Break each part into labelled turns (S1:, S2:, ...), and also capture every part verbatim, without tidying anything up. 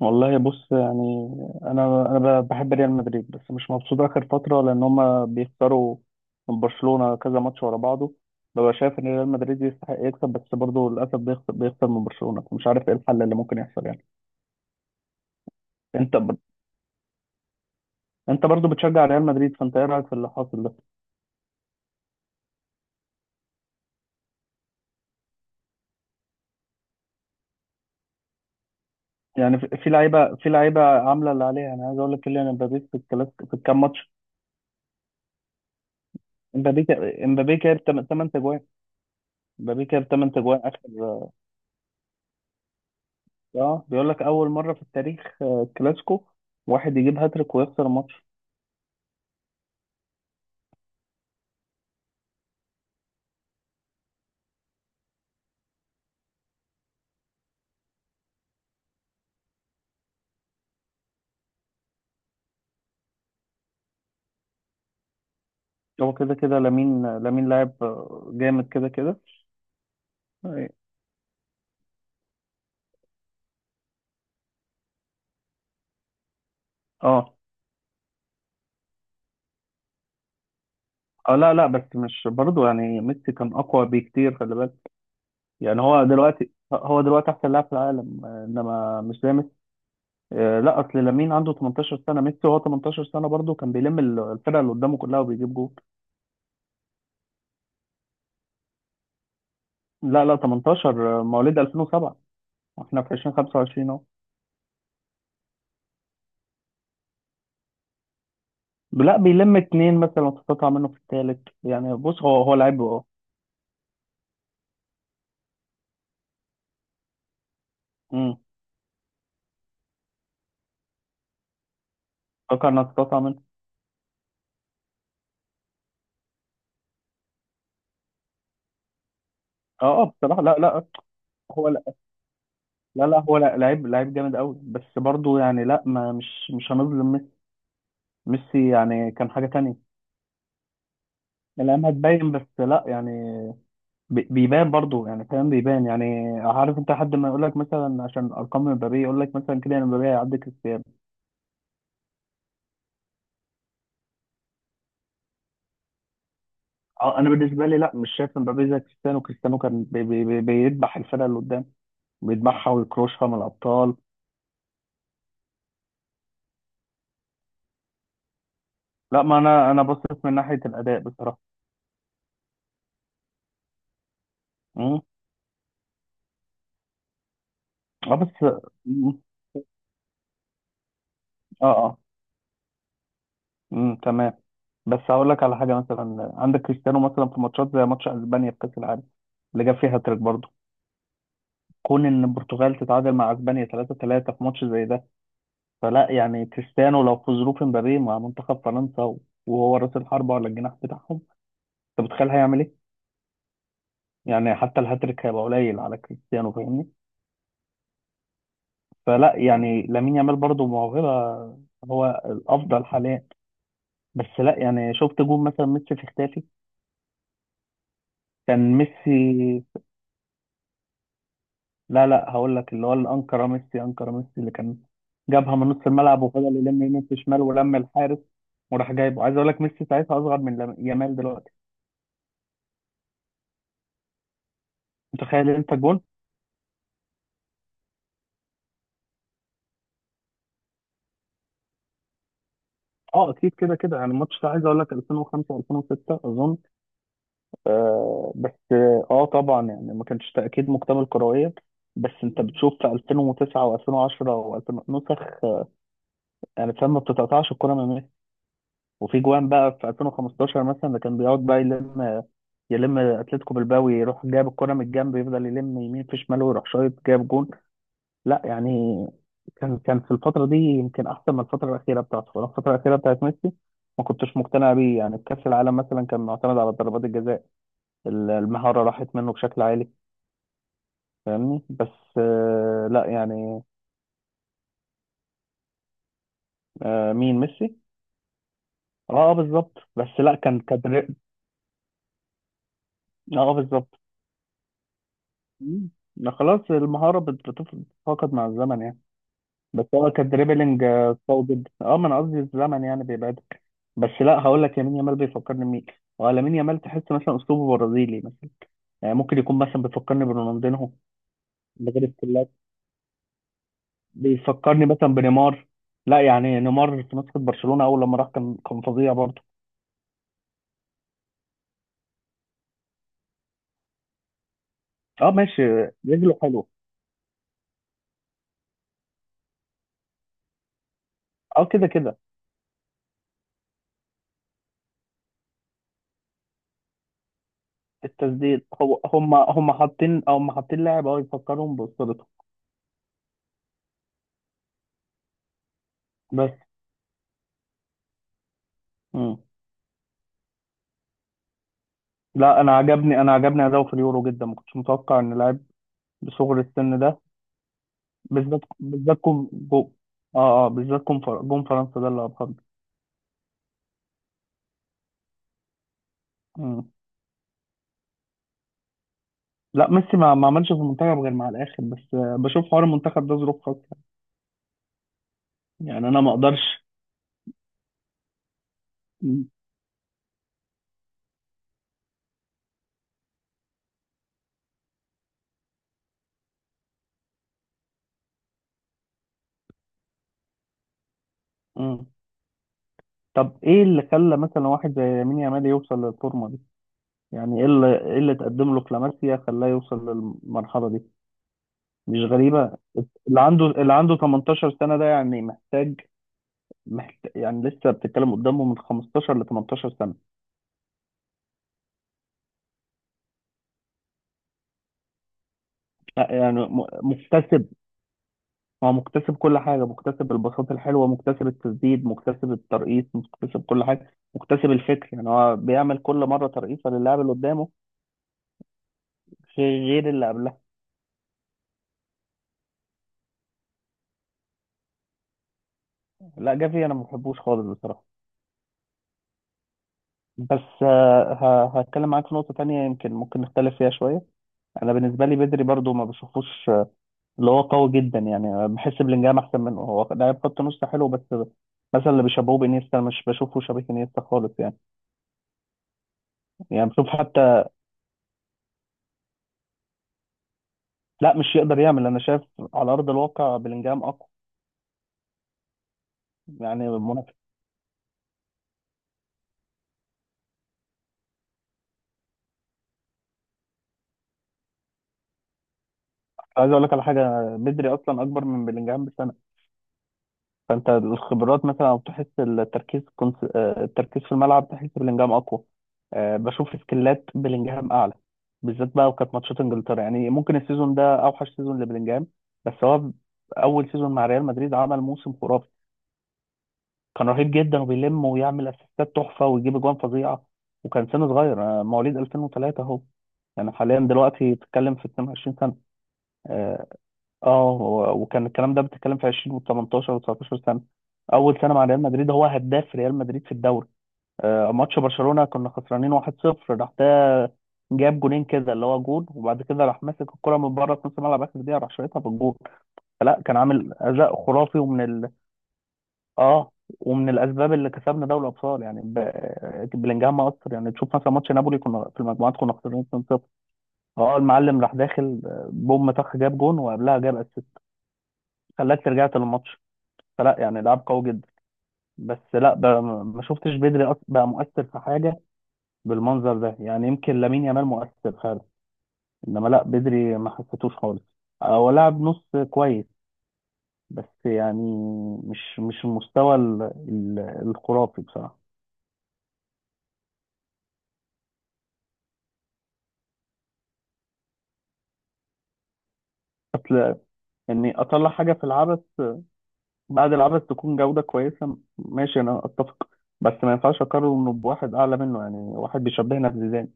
S1: والله بص يعني انا انا ب- بحب ريال مدريد بس مش مبسوط اخر فتره لان هما بيخسروا من برشلونه كذا ماتش ورا بعضه. ببقى شايف ان ريال مدريد يستحق يكسب بس برضه للاسف بيخسر بيخسر من برشلونه فمش عارف ايه الحل اللي ممكن يحصل يعني. انت ب... انت برضه بتشجع ريال مدريد فانت ايه رايك في اللي حاصل ده؟ يعني في في لعيبه في لعيبه عامله اللي عليها. انا عايز اقول لك كيليان امبابي في الكلاسيكو في الكام ماتش امبابي كا- امبابي جايب ثمانية تجوان. امبابي جايب ثمانية تجوان اخر. اه بيقول لك اول مره في التاريخ آه، كلاسيكو واحد يجيب هاتريك ويخسر الماتش. هو كده كده لامين لامين لاعب آه، جامد كده كده. اه، اه. آه، لا لا بس مش برضو يعني ميسي كان اقوى بكتير، خلي بالك. يعني هو دلوقتي هو دلوقتي احسن لاعب في العالم، آه، انما مش زي ميسي. آه، لا اصل لامين عنده تمنتاشر سنه، ميسي وهو تمنتاشر سنه برضو كان بيلم ال- الفرقه اللي قدامه كلها وبيجيب جول. لا لا تمنتاشر، آه، مواليد الفين وسبعه، احنا في الفين وخمسه وعشرين. لا بيلم اتنين مثلا وتتقطع منه في التالت. يعني بص هو هو لعيب، اه. امم فكر انها تتقطع منه. اه اه بصراحه. لا لا. هو لا. لا، لا هو لا- لعيب لعيب جامد قوي، بس برضه يعني لا، ما مش مش هنظلم ميسي. ميسي يعني كان حاجه تانية. الايام هتبين، بس لا يعني بي- بيبان برضه يعني، فاهم، بيبان يعني. عارف انت حد ما يقول لك مثلا عشان ارقام مبابي يقول لك مثلا كده ان مبابي هيعدي كريستيانو. اه انا بالنسبه لي لا، مش شايف مبابي زي كريستيانو. كريستيانو كان بي- بي- بي- بيدبح الفرقه اللي قدام، بيدبحها ويكروشها من الابطال. لا ما انا انا بصيت من ناحيه الاداء بصراحه. امم. اه بس. مم. اه اه. امم تمام. بس هقول لك على حاجه، مثلا عندك كريستيانو مثلا في ماتشات زي ماتش اسبانيا في كاس العالم اللي جاب فيها هاتريك برضه. كون ان البرتغال تتعادل مع اسبانيا ثلاثة ثلاثة في ماتش زي ده؟ فلا يعني كريستيانو لو في ظروف مبابي مع منتخب فرنسا وهو راس الحربه ولا الجناح بتاعهم، انت متخيل هيعمل ايه؟ يعني حتى الهاتريك هيبقى قليل على كريستيانو، فاهمني؟ فلا يعني لامين يامال برضه موهبه، هو الافضل حاليا. بس لا يعني شفت جون مثلا ميسي في اختافي، كان ميسي. لا لا هقول لك اللي هو الانكره، ميسي انكره ميسي اللي كان جابها من نص الملعب وفضل يلم يمين في شمال ولم الحارس وراح جايبه. عايز اقول لك ميسي ساعتها اصغر من لم- يامال دلوقتي. متخيل انت الجون؟ اه اكيد كده كده. يعني الماتش ده عايز اقول لك الفين وخمسة الفين وستة اظن. آه بس اه طبعا يعني ما كانش تاكيد مكتمل كرويا، بس انت بتشوف في الفين وتسعة و2010 و2000 نسخ، يعني فاهم ما بتتقطعش الكوره من. وفي جوان بقى في الفين وخمستاشر مثلا ده كان بيقعد بقى يلم يلم اتلتيكو بالباو، يروح جاب الكرة من الجنب يفضل يلم يمين في شماله ويروح شايط جاب جون. لا يعني كان كان في الفترة دي يمكن أحسن من الفترة الأخيرة بتاعته. أنا الفترة الأخيرة بتاعت ميسي ما كنتش مقتنع بيه، يعني في كأس العالم مثلا كان معتمد على ضربات الجزاء. ال- المهارة راحت منه بشكل عالي، فاهمني؟ بس آه، لا يعني. آه، مين ميسي؟ اه آه، بالظبط، بس لا كان كان. اه آه، بالظبط. مم. ما خلاص المهارة بت- بتف- بتتفاقد مع الزمن يعني. بس هو كدريبلينج آه، قوي جدا، اه ما انا قصدي الزمن يعني بيبعدك. بس لا هقول لك يمين يامال بيفكرني بمين. هو لامين يامال تحس مثلا اسلوبه برازيلي مثلا، يعني ممكن يكون مثلا بيفكرني برونالدينهو من غير الكلات. بيفكرني مثلا بنيمار. لا يعني نيمار في نسخة برشلونة اول لما راح كان كان فظيع برضه. اه ماشي، رجله حلوه. اه كده كده. التسديد، هو هم هم حاطين او هم حاطين لاعب اه يفكرهم باسطورته. بس لا انا عجبني انا عجبني اداؤه في اليورو جدا، ما كنتش متوقع ان لاعب بصغر السن ده. بالذات بالذات كوم جو. اه اه بالذات كوم فر- جون فرنسا ده اللي ابهرني. مم. لا ميسي ما ما عملش في المنتخب غير مع الاخر، بس آه، بشوف حوار المنتخب ده ظروف خاصه. يعني انا ما اقدرش. مم. مم. طب ايه اللي خلى مثلا واحد زي يمين يامال يوصل للفورمه دي؟ يعني ايه اللي ايه اللي تقدم له كلاماسيا خلاه يوصل للمرحله دي؟ مش غريبه. اللي عنده اللي عنده تمنتاشر سنه ده يعني محتاج محت... يعني لسه بتتكلم قدامه من خمستاشر ل تمنتاشر سنة. لا، يعني م- مكتسب. هو مكتسب، كل حاجة مكتسب، البساطة الحلوة مكتسب، التسديد مكتسب، الترقيص مكتسب، كل حاجة مكتسب، الفكر. يعني هو بيعمل كل مرة ترقيصة للاعب اللي قدامه غير غير اللي قبلها. لا جافي أنا ما بحبوش خالص بصراحة. بس آه، ه- هتكلم معاك في نقطة تانية يمكن ممكن نختلف فيها شوية. أنا بالنسبة لي بدري برضو ما بشوفوش اللي هو قوي جدا، يعني بحس بلينجهام احسن منه. هو لاعب خط نص حلو بس مثلا اللي بيشبهوه بانيستا أنا مش بشوفه شبيه انيستا خالص يعني. يعني بشوف حتى. لا مش يقدر يعمل، انا شايف على ارض الواقع بلينجهام اقوى. يعني منافس. عايز اقول لك على حاجه، بدري اصلا اكبر من بلينجهام بسنه. فانت الخبرات مثلا او تحس التركيز، كنت آه، التركيز في الملعب تحس بلينجهام اقوى. آه، بشوف سكلات بلينجهام اعلى، بالذات بقى وكانت ماتشات انجلترا. يعني ممكن السيزون ده اوحش سيزون لبلينجهام، بس هو اول سيزون مع ريال مدريد عمل موسم خرافي. كان رهيب جدا وبيلم ويعمل اسيستات تحفه ويجيب اجوان فظيعه. وكان سنه صغير، آه، مواليد الفين وثلاثة اهو، يعني حاليا دلوقتي بتتكلم في اتنين وعشرين سنه. آه، اه هو- وكان الكلام ده بتتكلم في عشرين و18 و19 سنه. اول سنه مع ريال مدريد هو هداف ريال مدريد في الدوري. آه، ماتش برشلونه كنا خسرانين واحد صفر راح ده جاب جونين كده اللي هو جون، وبعد كده راح ماسك الكره من بره في نص الملعب اخر دقيقه راح شايطها في الجون. فلا كان عامل اداء خرافي ومن ال... اه ومن الاسباب اللي كسبنا دوري الابطال يعني ب... بلينجهام اثر. يعني تشوف مثلا ماتش نابولي كنا في المجموعات كنا خسرانين اتنين صفر، اه المعلم راح داخل آه، بوم طخ جاب جون وقبلها جاب اسيست، خلاك رجعت للماتش. فلا يعني لعب قوي جدا. بس لا بقى ما ما شفتش بدري أص- بقى مؤثر في حاجه بالمنظر ده. يعني يمكن لامين يامال مؤثر فعلا انما لا بدري ما حسيتوش خالص. هو لعب نص كويس، بس يعني مش مش المستوى ال- ال- الخرافي بصراحه. اصل اني اطلع حاجه في العبث، بعد العبث تكون جوده كويسه، ماشي انا اتفق، بس ما ينفعش اقارنه بواحد اعلى منه يعني واحد بيشبهنا بزيدان.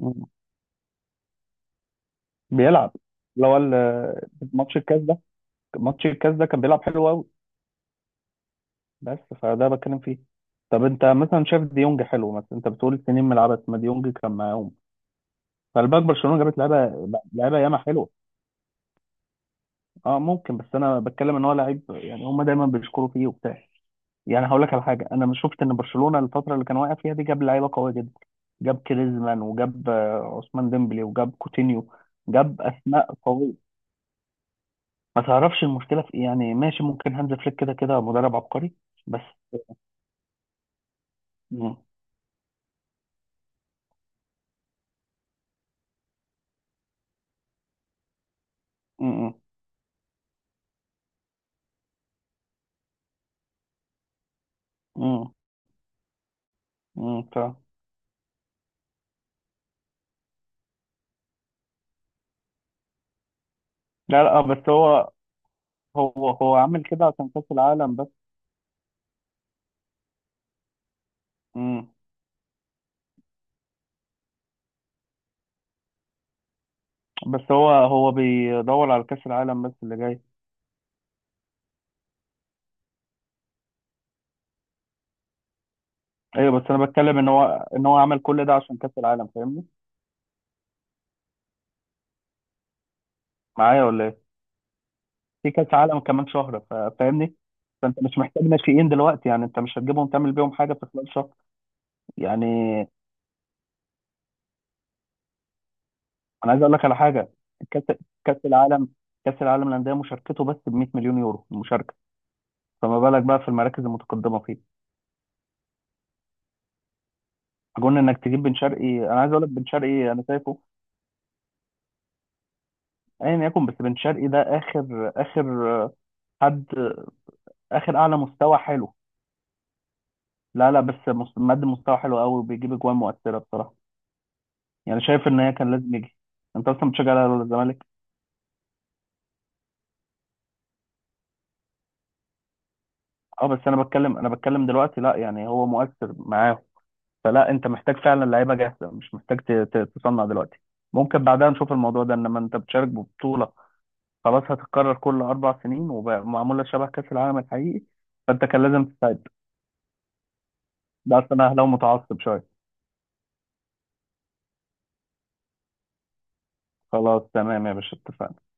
S1: مم. بيلعب اللي هو ال- ماتش الكاس ده. ماتش الكاس ده كان بيلعب حلو قوي. بس فده بتكلم فيه. طب انت مثلا شايف ديونج حلو مثلا؟ انت بتقول سنين من لعبت ما ديونج كان معاهم، فالباك برشلونه جابت لعيبه لعيبه ياما حلوه. اه ممكن، بس انا بتكلم ان هو لعيب، يعني هم دايما بيشكروا فيه وبتاع. يعني هقول لك على حاجه، انا مش شفت ان برشلونه الفتره اللي كان واقع فيها دي جاب لعيبه قويه جدا. جاب كريزمان وجاب آه، عثمان ديمبلي وجاب كوتينيو، جاب اسماء قويه. ما تعرفش المشكله في ايه، يعني ماشي ممكن هانز فليك كده كده مدرب عبقري. بس. مم. مم. مم. امم ف... لا لا آه، بس هو. هو هو عامل كده عشان كأس العالم بس. امم. بس هو هو بيدور على كأس العالم بس اللي جاي. ايوه بس انا بتكلم ان هو ان هو عمل كل ده عشان كأس العالم، فاهمني؟ معايا ولا ايه؟ في كأس عالم كمان شهر، ف... فاهمني؟ فانت مش محتاج ناشئين دلوقتي، يعني انت مش هتجيبهم تعمل بيهم حاجة في خلال شهر. يعني انا عايز اقول لك على حاجة. كأس كأس العالم كأس العالم للأندية مشاركته بس ب مائة مليون يورو المشاركة، فما بالك بقى في المراكز المتقدمة فيه. اظن انك تجيب بن شرقي. انا عايز اقول لك بن شرقي انا شايفه ايا يكن، بس بن شرقي ده اخر اخر حد اخر اعلى مستوى حلو. لا لا بس مس- مقدم مستوى حلو قوي وبيجيب اجوان مؤثره بصراحه، يعني شايف ان هي كان لازم يجي. انت اصلا بتشجع الاهلي ولا الزمالك؟ اه بس انا بتكلم انا بتكلم دلوقتي لا يعني هو مؤثر معاهم. فلا انت محتاج فعلا لعيبه جاهزه، مش محتاج ت- ت- تصنع دلوقتي. ممكن بعدها نشوف الموضوع ده، انما انت بتشارك ببطوله خلاص هتتكرر كل اربع سنين ومعموله شبه كاس العالم الحقيقي، فانت كان لازم تستعد. بس انا اهلاوي متعصب شويه. خلاص تمام يا باشا، اتفقنا.